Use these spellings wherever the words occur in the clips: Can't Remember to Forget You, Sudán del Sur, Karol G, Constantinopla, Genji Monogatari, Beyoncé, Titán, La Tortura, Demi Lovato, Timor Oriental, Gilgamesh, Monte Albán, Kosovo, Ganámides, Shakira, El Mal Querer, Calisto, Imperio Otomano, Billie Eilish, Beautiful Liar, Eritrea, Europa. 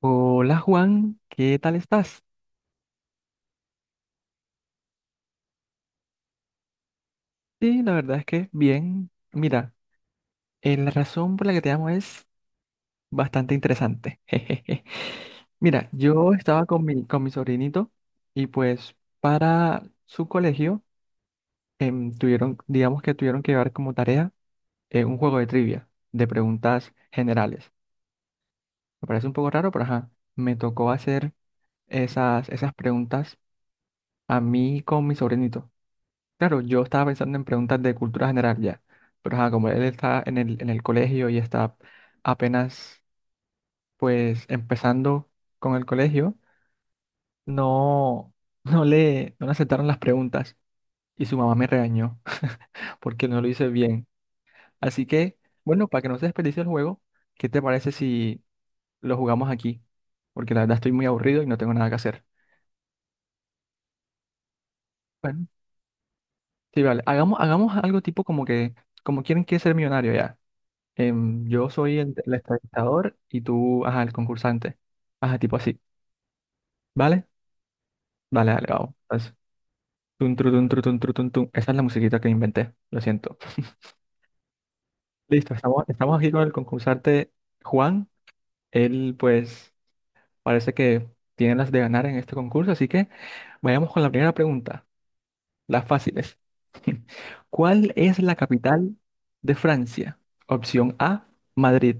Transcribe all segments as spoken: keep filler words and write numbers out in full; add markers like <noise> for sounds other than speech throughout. Hola Juan, ¿qué tal estás? Sí, la verdad es que bien. Mira, eh, la razón por la que te llamo es bastante interesante. <laughs> Jejeje. Mira, yo estaba con mi, con mi sobrinito y pues para su colegio em, tuvieron, digamos que tuvieron que llevar como tarea eh, un juego de trivia, de preguntas generales. Me parece un poco raro, pero ajá, me tocó hacer esas, esas preguntas a mí con mi sobrinito. Claro, yo estaba pensando en preguntas de cultura general ya, pero ajá, como él está en el, en el colegio y está apenas pues empezando con el colegio, no, <laughs> no le, no le aceptaron las preguntas y su mamá me regañó <laughs> porque no lo hice bien. Así que, bueno, para que no se desperdicie el juego, ¿qué te parece si lo jugamos aquí? Porque la verdad estoy muy aburrido y no tengo nada que hacer. Bueno, sí, vale, hagamos, hagamos algo tipo como que, como quieren que ser millonario ya. Em, yo soy el, el entrevistador y tú, ajá, el concursante. Ajá, tipo así. ¿Vale? Vale, dale, vamos. Entonces, tun, tru, tun, tru, tun, tru, tun, tun. Esa es la musiquita que inventé, lo siento. Listo, estamos, estamos aquí con el concursante Juan. Él, pues, parece que tiene las de ganar en este concurso, así que vayamos con la primera pregunta. Las fáciles. <laughs> ¿Cuál es la capital de Francia? Opción A, Madrid.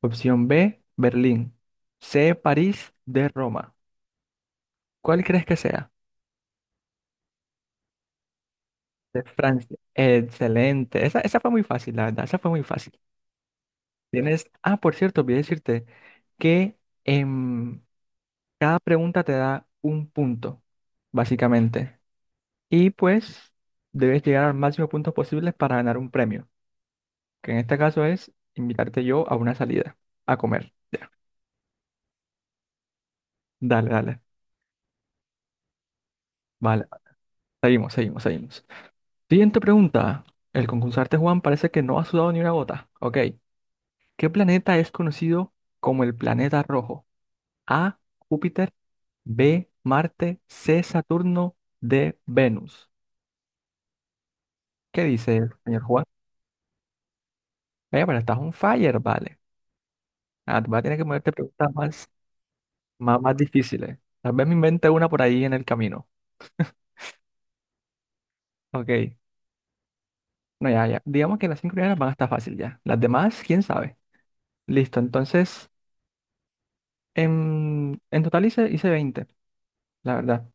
Opción B, Berlín. C, París. D, Roma. ¿Cuál crees que sea? De Francia. Excelente. Esa, esa fue muy fácil, la verdad. Esa fue muy fácil. Tienes. Ah, por cierto, olvidé decirte que em, cada pregunta te da un punto, básicamente. Y pues debes llegar al máximo de puntos posibles para ganar un premio, que en este caso es invitarte yo a una salida, a comer. Ya, dale, dale. Vale, seguimos, seguimos, seguimos. Siguiente pregunta. El concursante Juan parece que no ha sudado ni una gota. Ok. ¿Qué planeta es conocido como el planeta rojo? A, Júpiter. B, Marte. C, Saturno. D, Venus. ¿Qué dice el señor Juan? Vaya, pero estás un fire, vale. Ah, te voy a tener que moverte preguntas más, más, más difíciles. Tal vez me invente una por ahí en el camino. Ok. No, ya, ya. Digamos que las cinco primeras van a estar fácil ya. Las demás, quién sabe. Listo, entonces, en, en total hice, hice veinte, la verdad.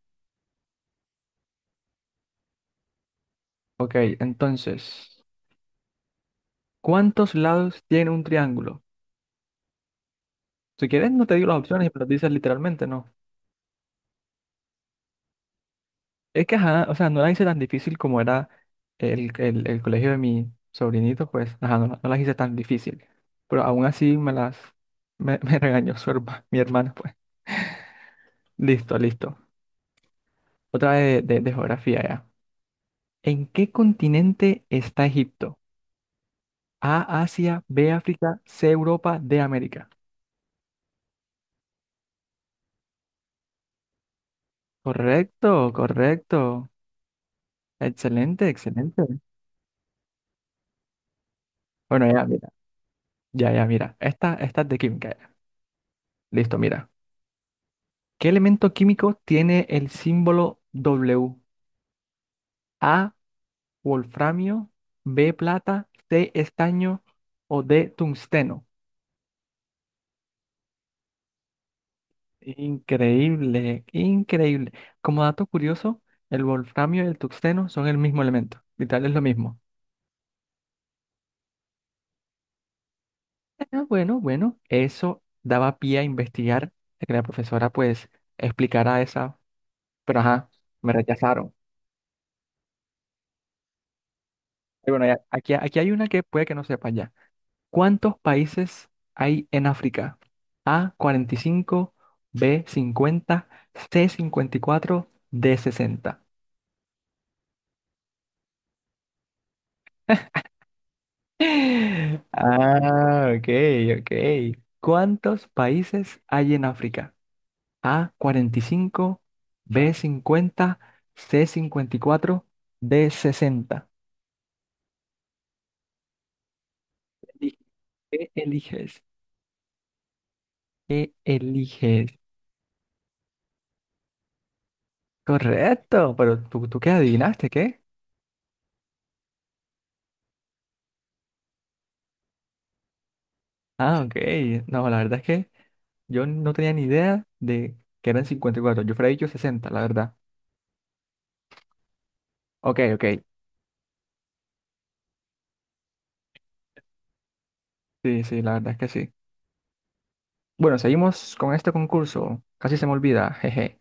Ok, entonces, ¿cuántos lados tiene un triángulo? Si quieres, no te digo las opciones y me las dices literalmente, no. Es que, ajá, o sea, no la hice tan difícil como era el, el- el colegio de mi sobrinito, pues, ajá, no, la- no las hice tan difícil. Pero aún así me las, me, <laughs> me regañó su herma- mi hermano, pues. Listo, listo. Otra de, de de geografía, ya. ¿En qué continente está Egipto? A, Asia. B, África. C, Europa. D, América. Correcto, correcto. Excelente, excelente. Bueno, ya, mira, ya, ya, mira. Esta, esta es de química, ya. Listo, mira. ¿Qué elemento químico tiene el símbolo W? A, wolframio. B, plata. C, estaño. O D, tungsteno. Increíble, increíble. Como dato curioso, el wolframio y el tungsteno son el mismo elemento. Literal es lo mismo. Ah, bueno, bueno, eso daba pie a investigar, a que la profesora pues explicara esa, pero ajá, me rechazaron. Y bueno, ya- aquí, aquí hay una que puede que no sepa ya. ¿Cuántos países hay en África? A, cuarenta y cinco. B, cincuenta. C, cincuenta y cuatro. D, sesenta. <laughs> Ah, ok, ok. ¿Cuántos países hay en África? A, cuarenta y cinco. B, cincuenta. C, cincuenta y cuatro. D, sesenta. Elige- ¿Qué eliges? ¿Qué eliges? Correcto, pero ¿tú, tú qué adivinaste? ¿Qué? Ah, ok. No, la verdad es que yo no tenía ni idea de que eran cincuenta y cuatro. Yo hubiera dicho sesenta, la verdad. Ok, ok. Sí, sí, la verdad es que sí. Bueno, seguimos con este concurso. Casi se me olvida, jeje.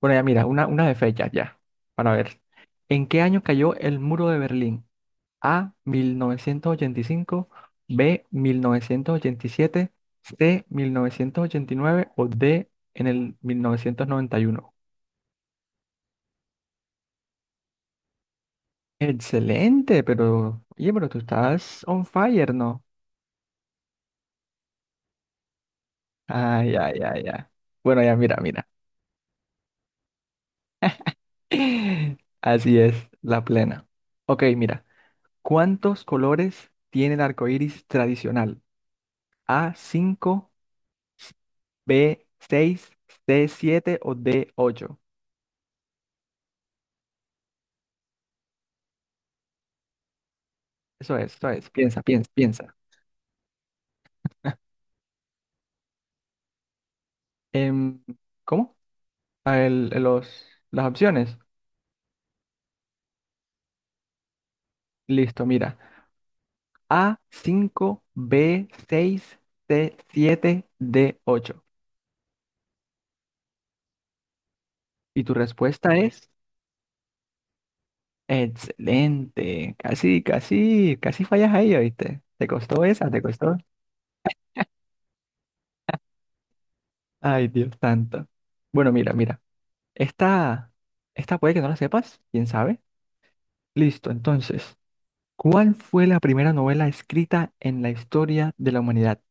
Bueno, ya mira, una, una de fechas ya, para ver. ¿En qué año cayó el muro de Berlín? A, mil novecientos ochenta y cinco. B, mil novecientos ochenta y siete. C, mil novecientos ochenta y nueve. O D, en el mil novecientos noventa y uno. Excelente, pero, oye, pero tú estás on fire, ¿no? Ay, ay, ay, ay. Bueno, ya, mira, mira. <laughs> Así es, la plena. Ok, mira. ¿Cuántos colores tiene el arco iris tradicional? A, cinco. B, seis. C, siete. O D, ocho. Eso es, eso es. Piensa, piensa, piensa. Em, ¿cómo? A el- los, las opciones. Listo, mira. A, cinco. B, seis. C, siete. D, ocho. Y tu respuesta es excelente. Casi, casi, casi fallas ahí, ¿oíste? ¿Te costó esa? ¿Te costó? Ay, Dios santo. Bueno, mira, mira. Esta, esta puede que no la sepas, quién sabe. Listo, entonces. ¿Cuál fue la primera novela escrita en la historia de la humanidad?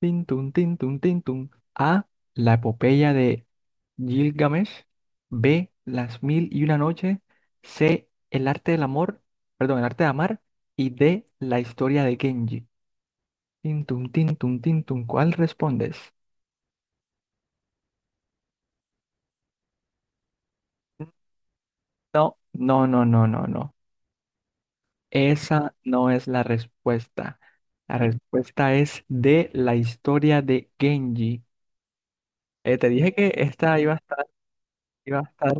Tin, tun, tin, tun, tin, tun. A. La epopeya de Gilgamesh. B. Las mil y una noche. C. El arte del amor. Perdón, el arte de amar. Y D. La historia de Kenji. Tin, tun, tin, tun, tin, tun. ¿Cuál respondes? No, no, no, no, no, no. Esa no es la respuesta. La respuesta es de la historia de Genji. Eh, te dije que esta iba a estar, iba a estar,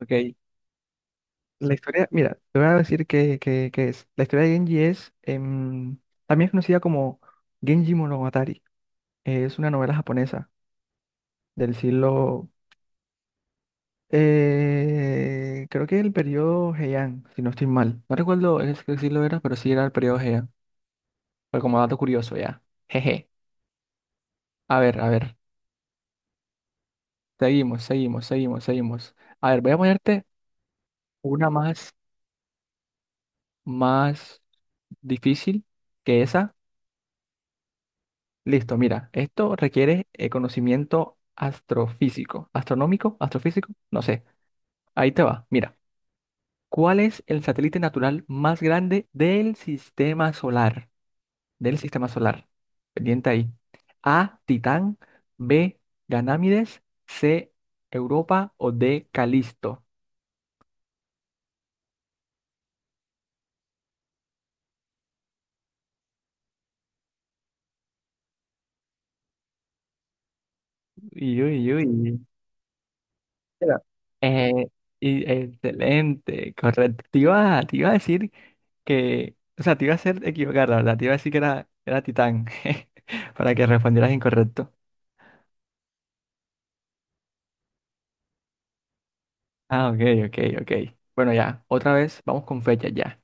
ok. La historia, mira, te voy a decir qué, qué- qué es. La historia de Genji es, em, también es conocida como Genji Monogatari. Es una novela japonesa del siglo, eh, creo que el periodo Heian, si no estoy mal. No recuerdo el, qué siglo era, pero sí era el periodo Heian. Fue como dato curioso ya. Jeje. A ver, a ver. Seguimos, seguimos, seguimos, seguimos. A ver, voy a ponerte una más, más difícil que esa. Listo, mira, esto requiere eh, conocimiento astrofísico, astronómico, astrofísico, no sé. Ahí te va. Mira, ¿cuál es el satélite natural más grande del sistema solar? Del sistema solar. Pendiente ahí. A, Titán. B, Ganámides. C, Europa. O D, Calisto. Uy, uy, uy. Espera. Eh, y- excelente, correcto. Te iba, te iba a decir que, o sea, te iba a hacer equivocar, la verdad, te iba a decir que era, era Titán, <laughs> para que respondieras incorrecto. Ah, ok, ok, ok. Bueno, ya, otra vez, vamos con fechas ya.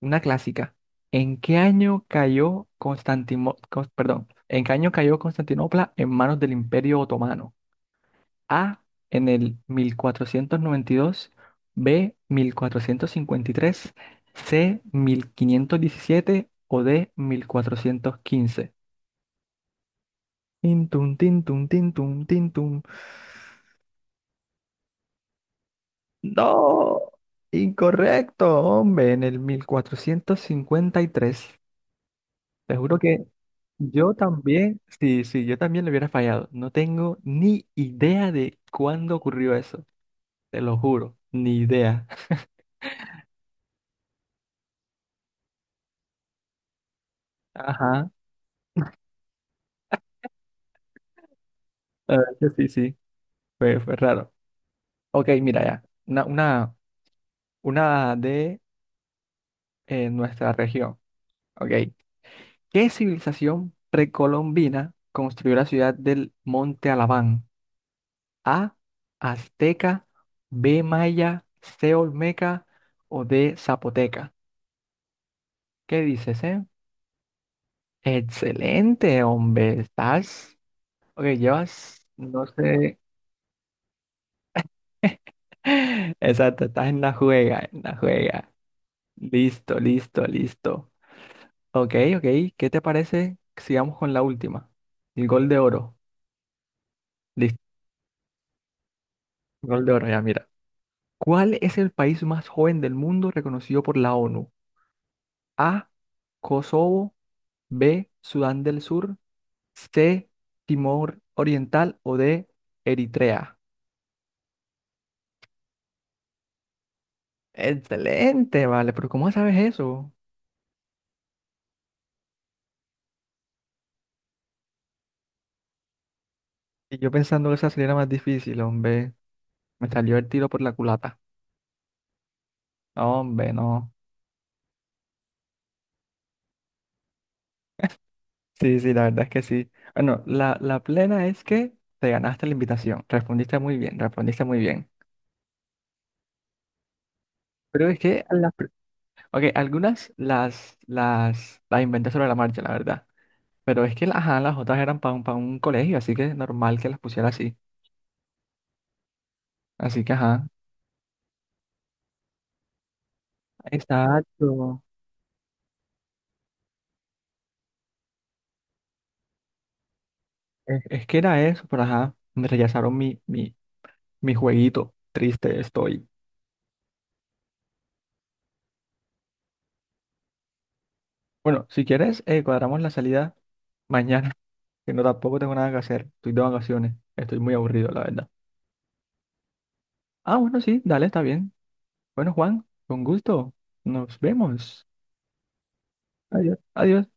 Una clásica. ¿En qué año cayó Constantimo, Cons- perdón, en qué año cayó Constantinopla en manos del Imperio Otomano? A, en el mil cuatrocientos noventa y dos. B, mil cuatrocientos cincuenta y tres. C, mil quinientos diecisiete. O D, mil cuatrocientos quince. Tintum, tintum, tintum, tintum. No, incorrecto, hombre, en el mil cuatrocientos cincuenta y tres. Te juro que yo también, sí, sí, yo también le hubiera fallado. No tengo ni idea de cuándo ocurrió eso, te lo juro, ni idea. <laughs> Ajá, la verdad que sí, sí, fue, fue raro. Ok, mira ya, una, una, una de eh, nuestra región. Ok, ¿qué civilización precolombina construyó la ciudad del Monte Alabán? A, azteca. B, maya. C, olmeca. O D, zapoteca. ¿Qué dices, eh? Excelente, hombre. Estás, ok, llevas, no sé, <laughs> exacto, estás en la juega, en la juega. Listo, listo, listo. Ok, ok, ¿qué te parece? Sigamos con la última. El gol de oro. Listo, gol de oro, ya mira. ¿Cuál es el país más joven del mundo reconocido por la ONU? A, Kosovo. B, Sudán del Sur. C, Timor Oriental. O D, Eritrea. Excelente, vale, pero ¿cómo sabes eso? Y yo pensando que esa sería la más difícil, hombre. Me salió el tiro por la culata. No, hombre, no. Sí, sí, la verdad es que sí. Bueno, la, la plena es que te ganaste la invitación. Respondiste muy bien, respondiste muy bien. Pero es que las, pr- ok, algunas las, las, las inventé sobre la marcha, la verdad. Pero es que la- ajá, las otras eran para un, para un colegio, así que es normal que las pusiera así. Así que, ajá, exacto. Es, es que era eso, pero ajá, me rechazaron mi, mi, mi jueguito. Triste estoy. Bueno, si quieres, eh, cuadramos la salida mañana, <laughs> que no tampoco tengo nada que hacer. Estoy de vacaciones. Estoy muy aburrido, la verdad. Ah, bueno, sí, dale, está bien. Bueno, Juan, con gusto. Nos vemos. Adiós. Adiós.